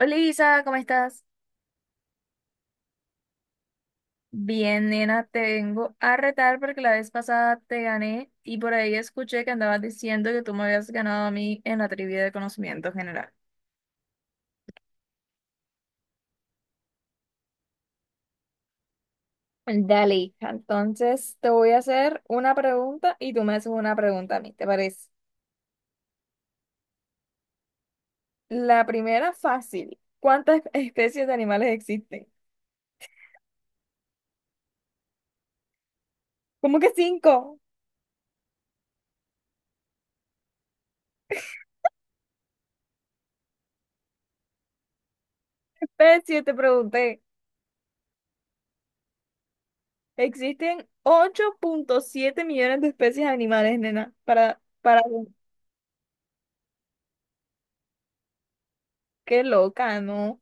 Hola Isa, ¿cómo estás? Bien, nena, te vengo a retar porque la vez pasada te gané y por ahí escuché que andabas diciendo que tú me habías ganado a mí en la trivia de conocimiento general. Dale, hija. Entonces te voy a hacer una pregunta y tú me haces una pregunta a mí, ¿te parece? La primera fácil. ¿Cuántas especies de animales existen? ¿Cómo que cinco especies? Te pregunté. Existen 8,7 millones de especies de animales, nena. Para, qué loca, ¿no?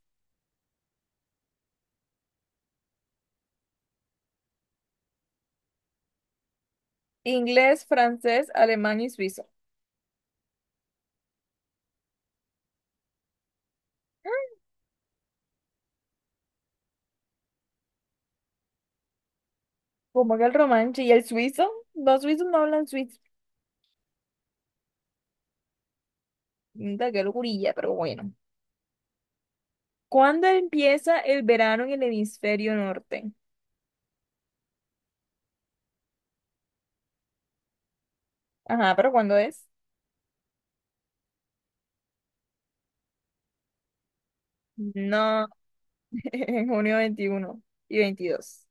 Inglés, francés, alemán y suizo. Como que el romanche y el suizo, los suizos no hablan suizo. Mira, qué locurilla, pero bueno. ¿Cuándo empieza el verano en el hemisferio norte? Ajá, pero ¿cuándo es? No, en junio 21 y 22.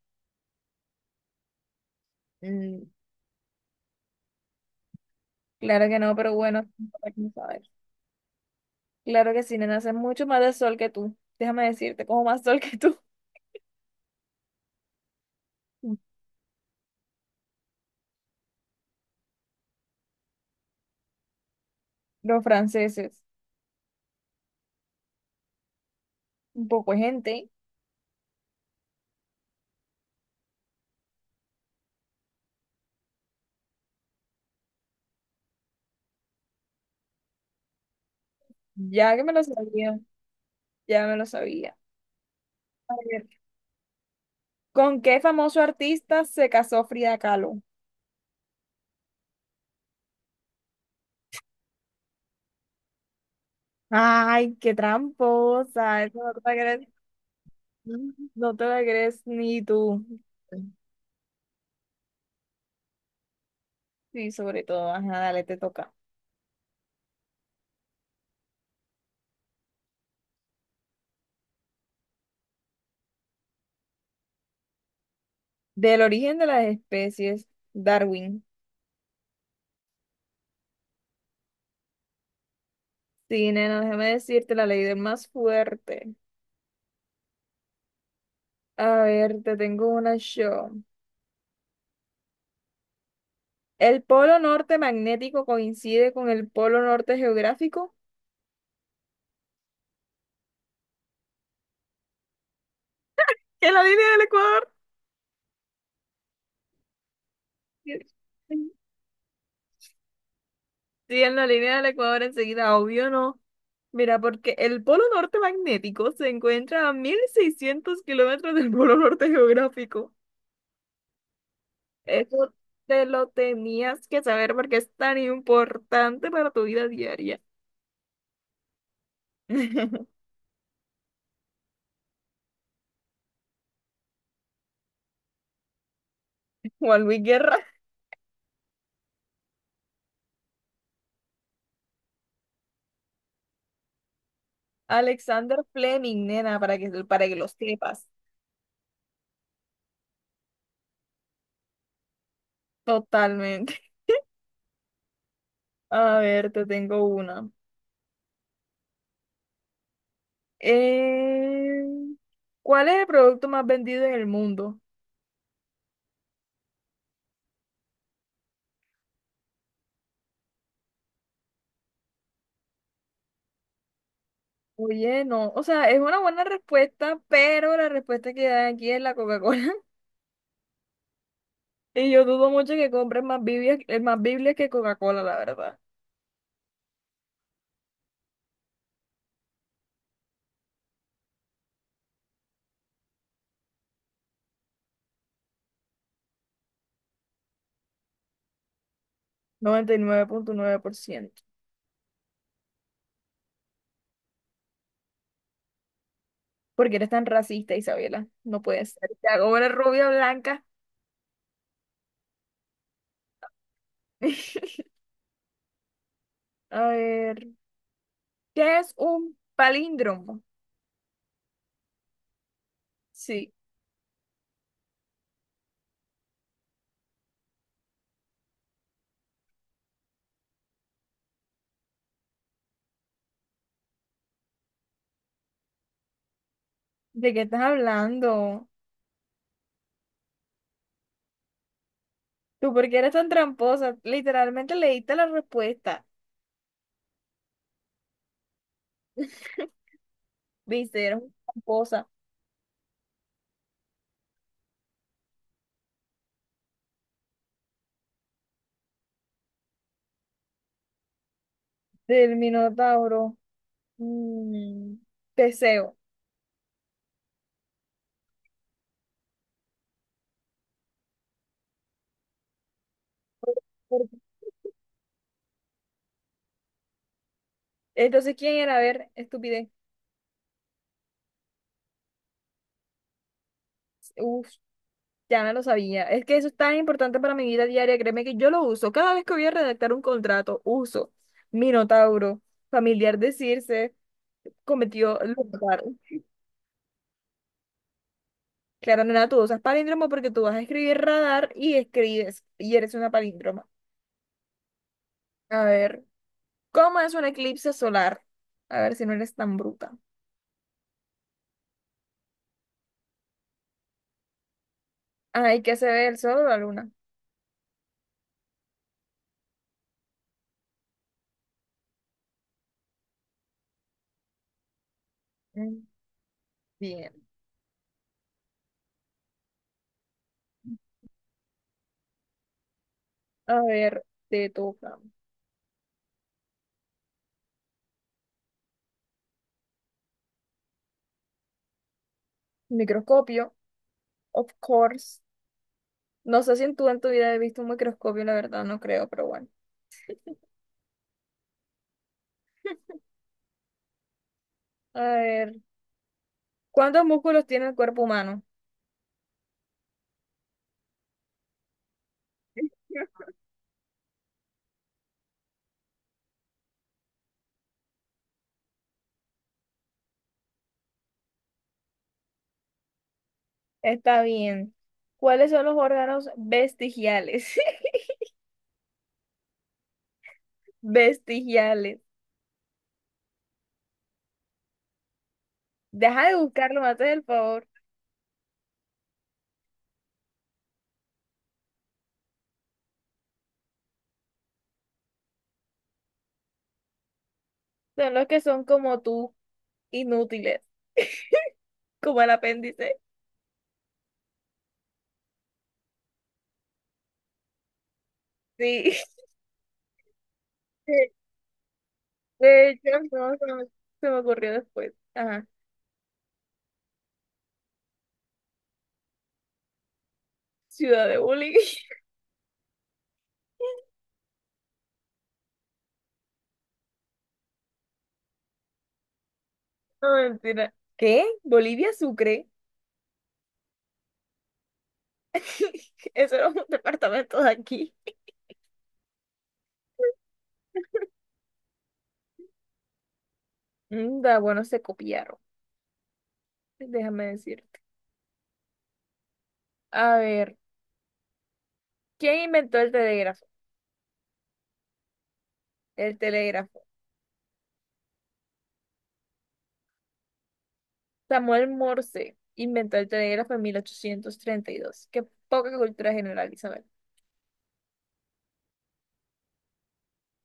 Mm, claro que no, pero bueno, para que no saber. Claro que sí, nena, hace mucho más de sol que tú. Déjame decirte, como más sol que tú. Los franceses, un poco de gente, ya que me lo sabía, ya me lo sabía. ¿Con qué famoso artista se casó Frida Kahlo? Ay, qué tramposa. Eso no te la crees, no te la crees ni tú. Sí, sobre todo. Ajá, dale, te toca. Del origen de las especies, Darwin. Sí, nena, déjame decirte la ley del más fuerte. A ver, te tengo una show. ¿El polo norte magnético coincide con el polo norte geográfico? ¿En la línea del Ecuador? Siguiendo la línea del Ecuador enseguida, obvio no. Mira, porque el polo norte magnético se encuentra a 1600 kilómetros del polo norte geográfico. Eso te lo tenías que saber porque es tan importante para tu vida diaria. Juan Luis Guerra, Alexander Fleming, nena, para que lo sepas. Totalmente. A ver, te tengo una. Eh, ¿Cuál es el producto más vendido en el mundo? Oye, no, o sea, es una buena respuesta, pero la respuesta que dan aquí es la Coca-Cola. Y yo dudo mucho que compren más Biblias que Coca-Cola, la verdad. 99.9%. Porque eres tan racista, Isabela. No puede ser. Te hago una rubia blanca. A ver, ¿qué es un palíndromo? Sí, ¿de qué estás hablando? ¿Tú por qué eres tan tramposa? Literalmente leíste la respuesta. Viste, eres una tramposa. Del Minotauro. Mm, Teseo. Por- Entonces, ¿quién era? A ver, estupidez. Uf, ya no lo sabía. Es que eso es tan importante para mi vida diaria. Créeme que yo lo uso. Cada vez que voy a redactar un contrato, uso Minotauro, familiar decirse, cometió lugar. Claro, nena, tú usas palíndromo porque tú vas a escribir radar y escribes y eres una palíndroma. A ver, ¿cómo es un eclipse solar? A ver si no eres tan bruta. Ay, ¿qué se ve el sol o la luna? Mm, Bien. A ver, te toca. Microscopio, of course. No sé si en tu vida has visto un microscopio, la verdad, no creo, pero bueno. A ver, ¿cuántos músculos tiene el cuerpo humano? Está bien. ¿Cuáles son los órganos vestigiales? Vestigiales. Deja de buscarlo, me haces el favor. Son los que son como tú, inútiles, como el apéndice. Sí. De hecho, no, se me ocurrió después. Ajá. Ciudad de bullying. No, mentira. ¿Qué? ¿Bolivia Sucre? Eso era un departamento de aquí. Da, bueno, se copiaron. Déjame decirte. A ver, ¿quién inventó el telégrafo? El telégrafo. Samuel Morse inventó el telégrafo en 1832. Qué poca cultura general, Isabel.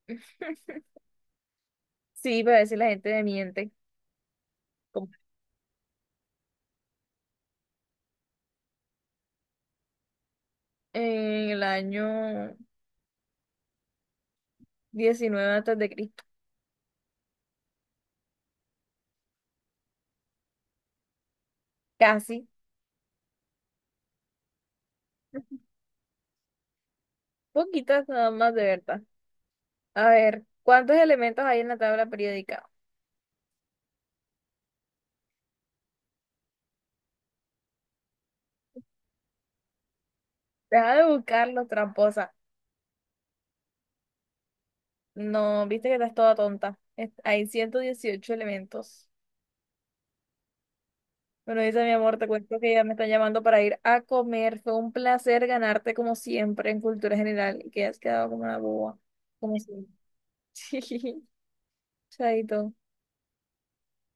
Sí, para decir la gente me miente. Como en el año 19 antes de Cristo. Casi. Poquitas nada más de verdad. A ver, ¿cuántos elementos hay en la tabla periódica? Deja de buscarlo, tramposa. No, viste que estás toda tonta. Es- hay 118 elementos. Bueno, dice mi amor, te cuento que ya me están llamando para ir a comer. Fue un placer ganarte como siempre en cultura general y que has quedado como una boba. Como siempre. Sí, chaito.